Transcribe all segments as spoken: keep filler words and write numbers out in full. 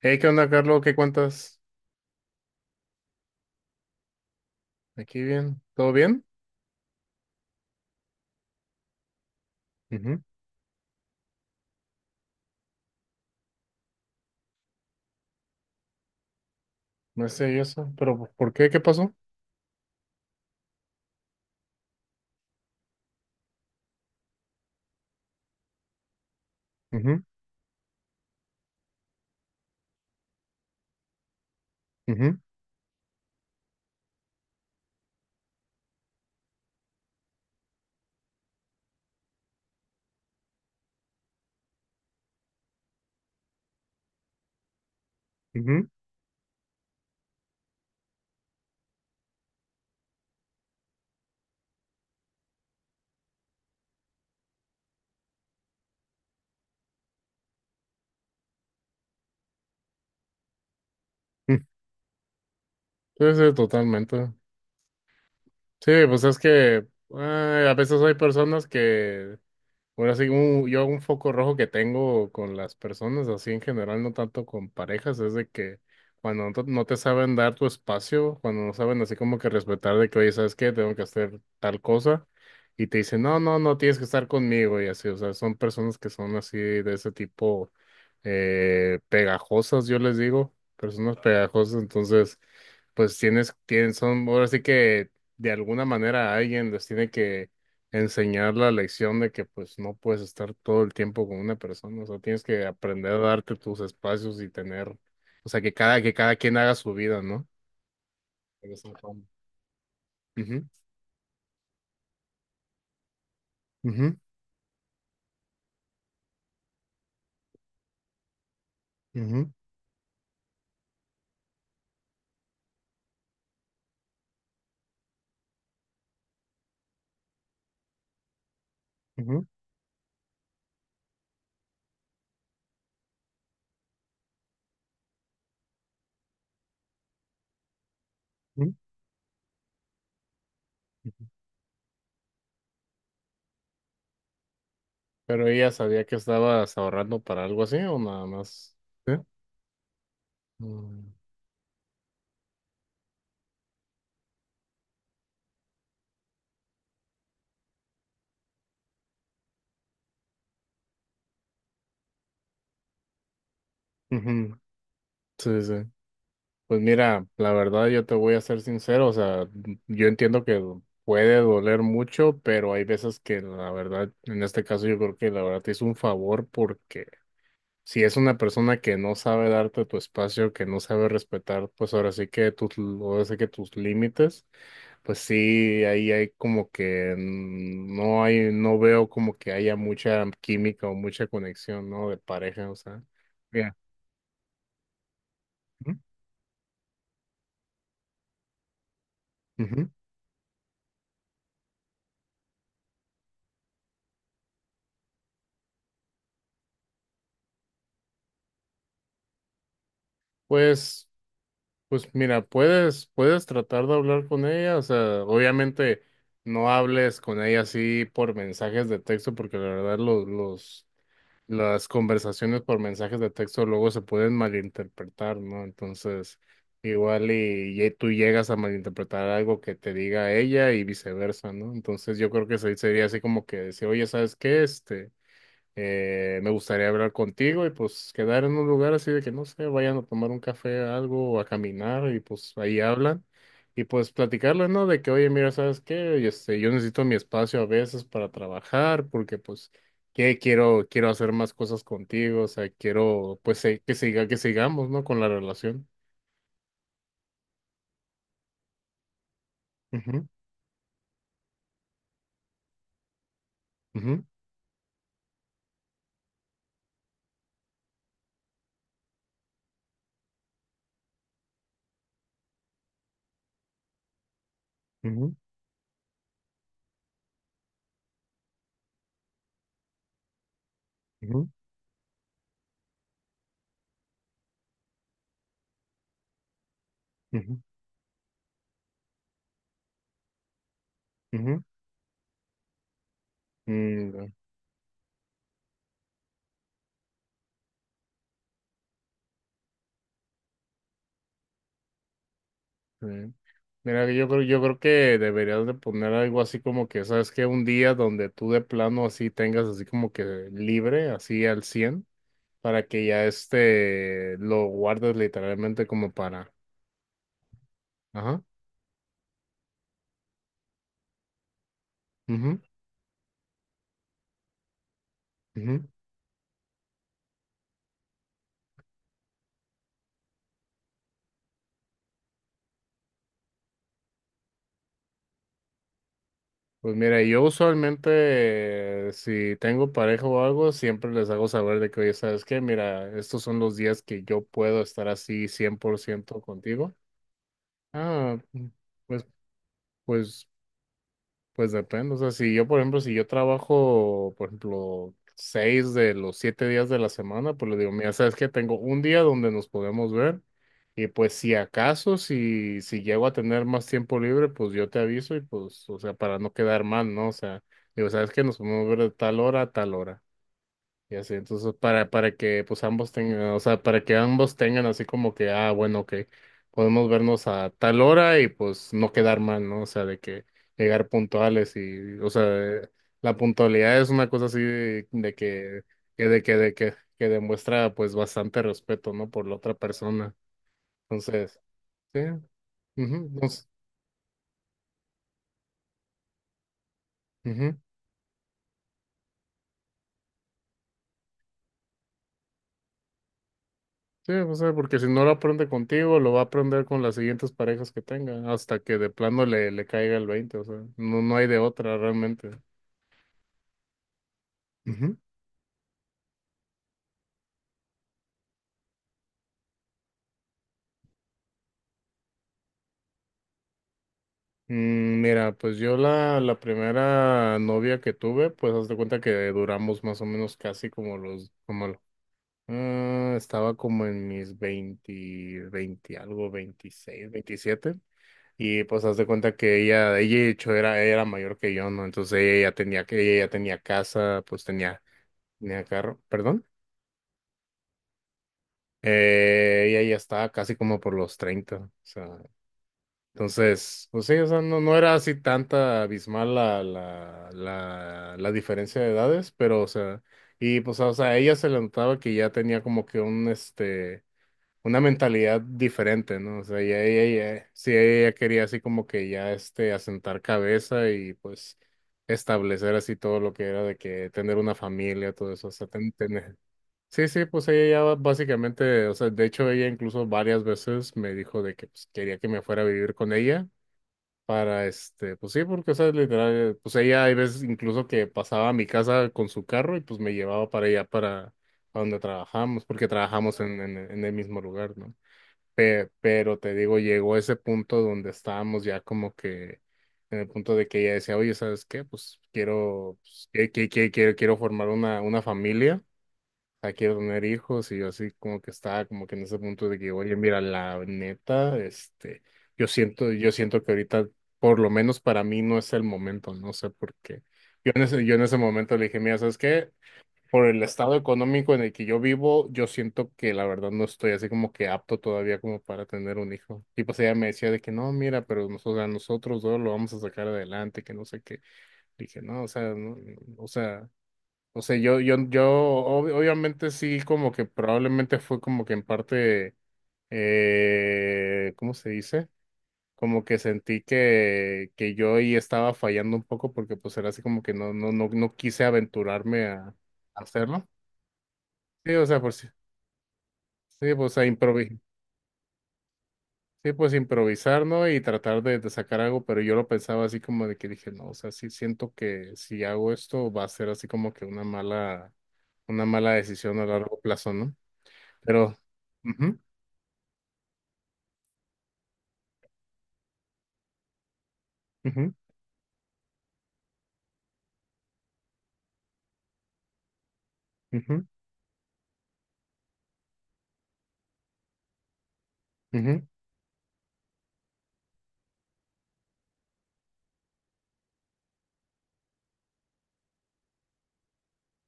Hey, ¿qué onda, Carlos? ¿Qué cuentas? ¿Aquí bien? ¿Todo bien? Ujú. No sé yo eso, pero ¿por por qué? ¿Qué pasó? Ujú, ujú, ujú, ujú. Sí, sí, totalmente. Sí, pues es que eh, a veces hay personas que, bueno, así como yo un foco rojo que tengo con las personas, así en general, no tanto con parejas, es de que cuando no te no te saben dar tu espacio, cuando no saben así como que respetar de que, oye, ¿sabes qué? Tengo que hacer tal cosa, y te dicen, no, no, no tienes que estar conmigo, y así, o sea, son personas que son así de ese tipo eh, pegajosas, yo les digo, personas pegajosas, entonces, pues tienes, tienen, son, ahora sí que de alguna manera alguien les tiene enseñar la lección de que pues no puedes estar todo el tiempo con una persona, o sea, tienes que aprender a darte tus espacios y tener, o sea, que cada, que cada quien haga su vida, ¿no? De esa forma. Ujú, ujú, ujú, ujú, ujú. Pero ella sabía que estabas ahorrando para algo así o nada más. ¿Sí? Mm. Ujú. Sí, sí, sí. Pues mira, la verdad yo te voy a ser sincero, o sea, yo entiendo que puede doler mucho, pero hay veces que la verdad, en este caso yo creo que la verdad te hizo un favor porque si es una persona que no sabe darte tu espacio, que no sabe respetar, pues ahora sí que tus, ahora sí que tus límites, pues sí, ahí hay como que mm, no hay, no veo como que haya mucha química o mucha conexión, ¿no? De pareja, o sea. Ya. Ujú. Ujú. Pues Pues mira, puedes, puedes tratar de hablar con ella, o sea, obviamente no hables con ella así por mensajes de texto, porque la verdad los, los, las conversaciones por mensajes de texto luego se pueden malinterpretar, ¿no? Entonces, igual y, y tú llegas a malinterpretar algo que te diga ella y viceversa, ¿no? Entonces yo creo que se- sería así como que decir, oye, ¿sabes qué? Este... Eh, me gustaría hablar contigo y pues quedar en un lugar así de que no sé, vayan a tomar un café, algo, o a caminar y pues ahí hablan y pues platicarles, ¿no? De que, oye, mira, ¿sabes qué? Este, yo necesito mi espacio a veces para trabajar porque pues que quiero, quiero hacer más cosas contigo, o sea, quiero pues se- que siga, que sigamos, ¿no? Con la relación. Ujú, ujú, ujú, ujú, ujú, ujú. Mm. Sí. Mira, yo creo, yo creo que deberías de poner algo así como que, ¿sabes que Un día donde tú de plano así tengas así como que libre, así al cien para que ya este lo guardes literalmente como para... Ajá. Ujú, ujú. Pues mira, yo usualmente eh, si tengo pareja o algo, siempre les hago saber de que, oye, ¿sabes qué? Mira, estos son los días que yo puedo estar así cien por ciento contigo. Ah, pues... Pues Pues depende, o sea, si yo, por ejemplo, si yo trabajo, por ejemplo, seis de los siete días de la semana, pues le digo, mira, sabes que tengo un día donde nos podemos ver y pues si acaso, si, si llego a tener más tiempo libre, pues yo te aviso y pues, o sea, para no quedar mal, ¿no? O sea, digo, sabes que nos podemos ver de tal hora a tal hora. Y así, entonces, para, para que pues ambos tengan, o sea, para que ambos tengan así como que, ah, bueno, que podemos vernos a tal hora y pues no quedar mal, ¿no? O sea, de que llegar puntuales y, o sea, eh, la puntualidad es una cosa así de, de que, que, de que, de que, que demuestra pues bastante respeto, ¿no? Por la otra persona. Entonces, sí. Mhm. Sí, o sea, porque si no lo aprende contigo, lo va a aprender con las siguientes parejas que tenga, hasta que de plano le, le caiga el veinte, o sea, no, no hay de otra realmente. Ujú. Mm. Mira, pues yo la, la primera novia que tuve, pues haz de cuenta que duramos más o menos casi como los, como lo- ah, estaba como en mis veinte, veinte algo, veintiséis, veintisiete, y pues haz de cuenta que ella, ella de hecho era, era mayor que yo, ¿no? Entonces ella ya tenía, que- ella ya tenía casa, pues tenía Tenía carro, perdón. Eh, ella ya estaba casi como por los treinta, o sea, entonces, pues sí, o sea, no, no era así tanta abismal la, la, la, la diferencia de edades, pero, o sea, y pues, o sea, a ella se le notaba que ya tenía como que un, este, una mentalidad diferente, ¿no? O sea, ya ella, ya- sí, ella ya quería así como que ya, este, asentar cabeza y pues establecer así todo lo que era de que tener una familia, todo eso, o sea, tener. Sí, sí, pues ella ya básicamente, o sea, de hecho ella incluso varias veces me dijo de que pues, quería que me fuera a vivir con ella para este, pues sí, porque o sea, literal, pues ella hay veces incluso que pasaba a mi casa con su carro y pues me llevaba para allá para a donde trabajamos, porque trabajamos en, en, en el mismo lugar, ¿no? Pe- pero te digo, llegó ese punto donde estábamos ya como que en el punto de que ella decía, oye, ¿sabes qué? Pues quiero, pues, que, que- que- quiero, quiero formar una, una familia, sea, quiero tener hijos, y yo así como que estaba como que en ese punto de que, oye, mira, la neta, este, yo siento, yo siento que ahorita, por lo menos para mí, no es el momento, no sé por qué. Yo en ese, yo en ese momento le dije, mira, ¿sabes qué? Por el estado económico en el que yo vivo, yo siento que la verdad no estoy así como que apto todavía como para tener un hijo. Y pues ella me decía de que no, mira, pero nosotros, a nosotros dos lo vamos a sacar adelante, que no sé qué. Dije, no, o sea, no, o sea. O sea, yo, yo, yo ob- obviamente sí, como que probablemente fue como que en parte, eh, ¿cómo se dice? Como que sentí que, que yo ahí estaba fallando un poco porque pues era así como que no, no, no, no quise aventurarme a, a hacerlo. Sí, o sea, pues sí, sí, pues a improvisar. Sí, pues improvisar, ¿no? Y tratar de, de sacar algo, pero yo lo pensaba así como de que dije, no, o sea, sí siento que si hago esto va a ser así como que una mala, una mala decisión a largo plazo, ¿no? Pero, Ujú, ujú, ujú, ujú,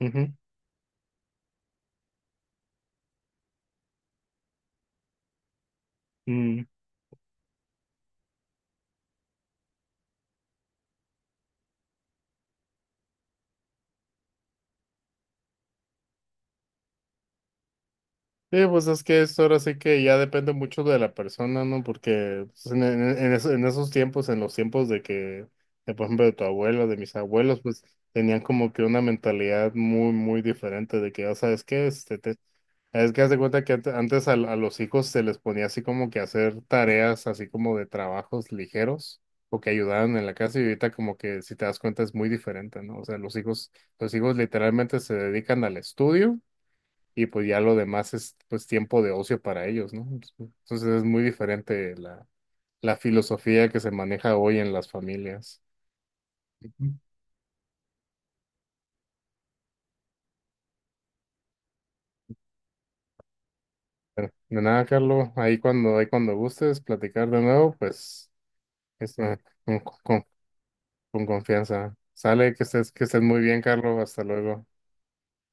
ujú. Mm. Sí, pues es que eso ahora sí que ya depende mucho de la persona, ¿no? Porque pues, en, en- en eso- en esos tiempos, en los tiempos de que, de, por ejemplo, de tu abuelo, de mis abuelos, pues tenían como que una mentalidad muy, muy diferente de que, ya sabes qué, este, te- es que haz de cuenta que ante- antes a, a los hijos se les ponía así como que hacer tareas así como de trabajos ligeros o que ayudaban en la casa y ahorita como que si te das cuenta es muy diferente, ¿no? O sea, los hijos, los hijos literalmente se dedican al estudio y pues ya lo demás es pues tiempo de ocio para ellos, ¿no? Entonces es muy diferente la, la filosofía que se maneja hoy en las familias. Ujú. Pero, de nada, Carlos, ahí cuando, ahí cuando gustes platicar de nuevo, pues es, eh, con- con- con confianza. Sale, que estés, que estés muy bien, Carlos. Hasta luego.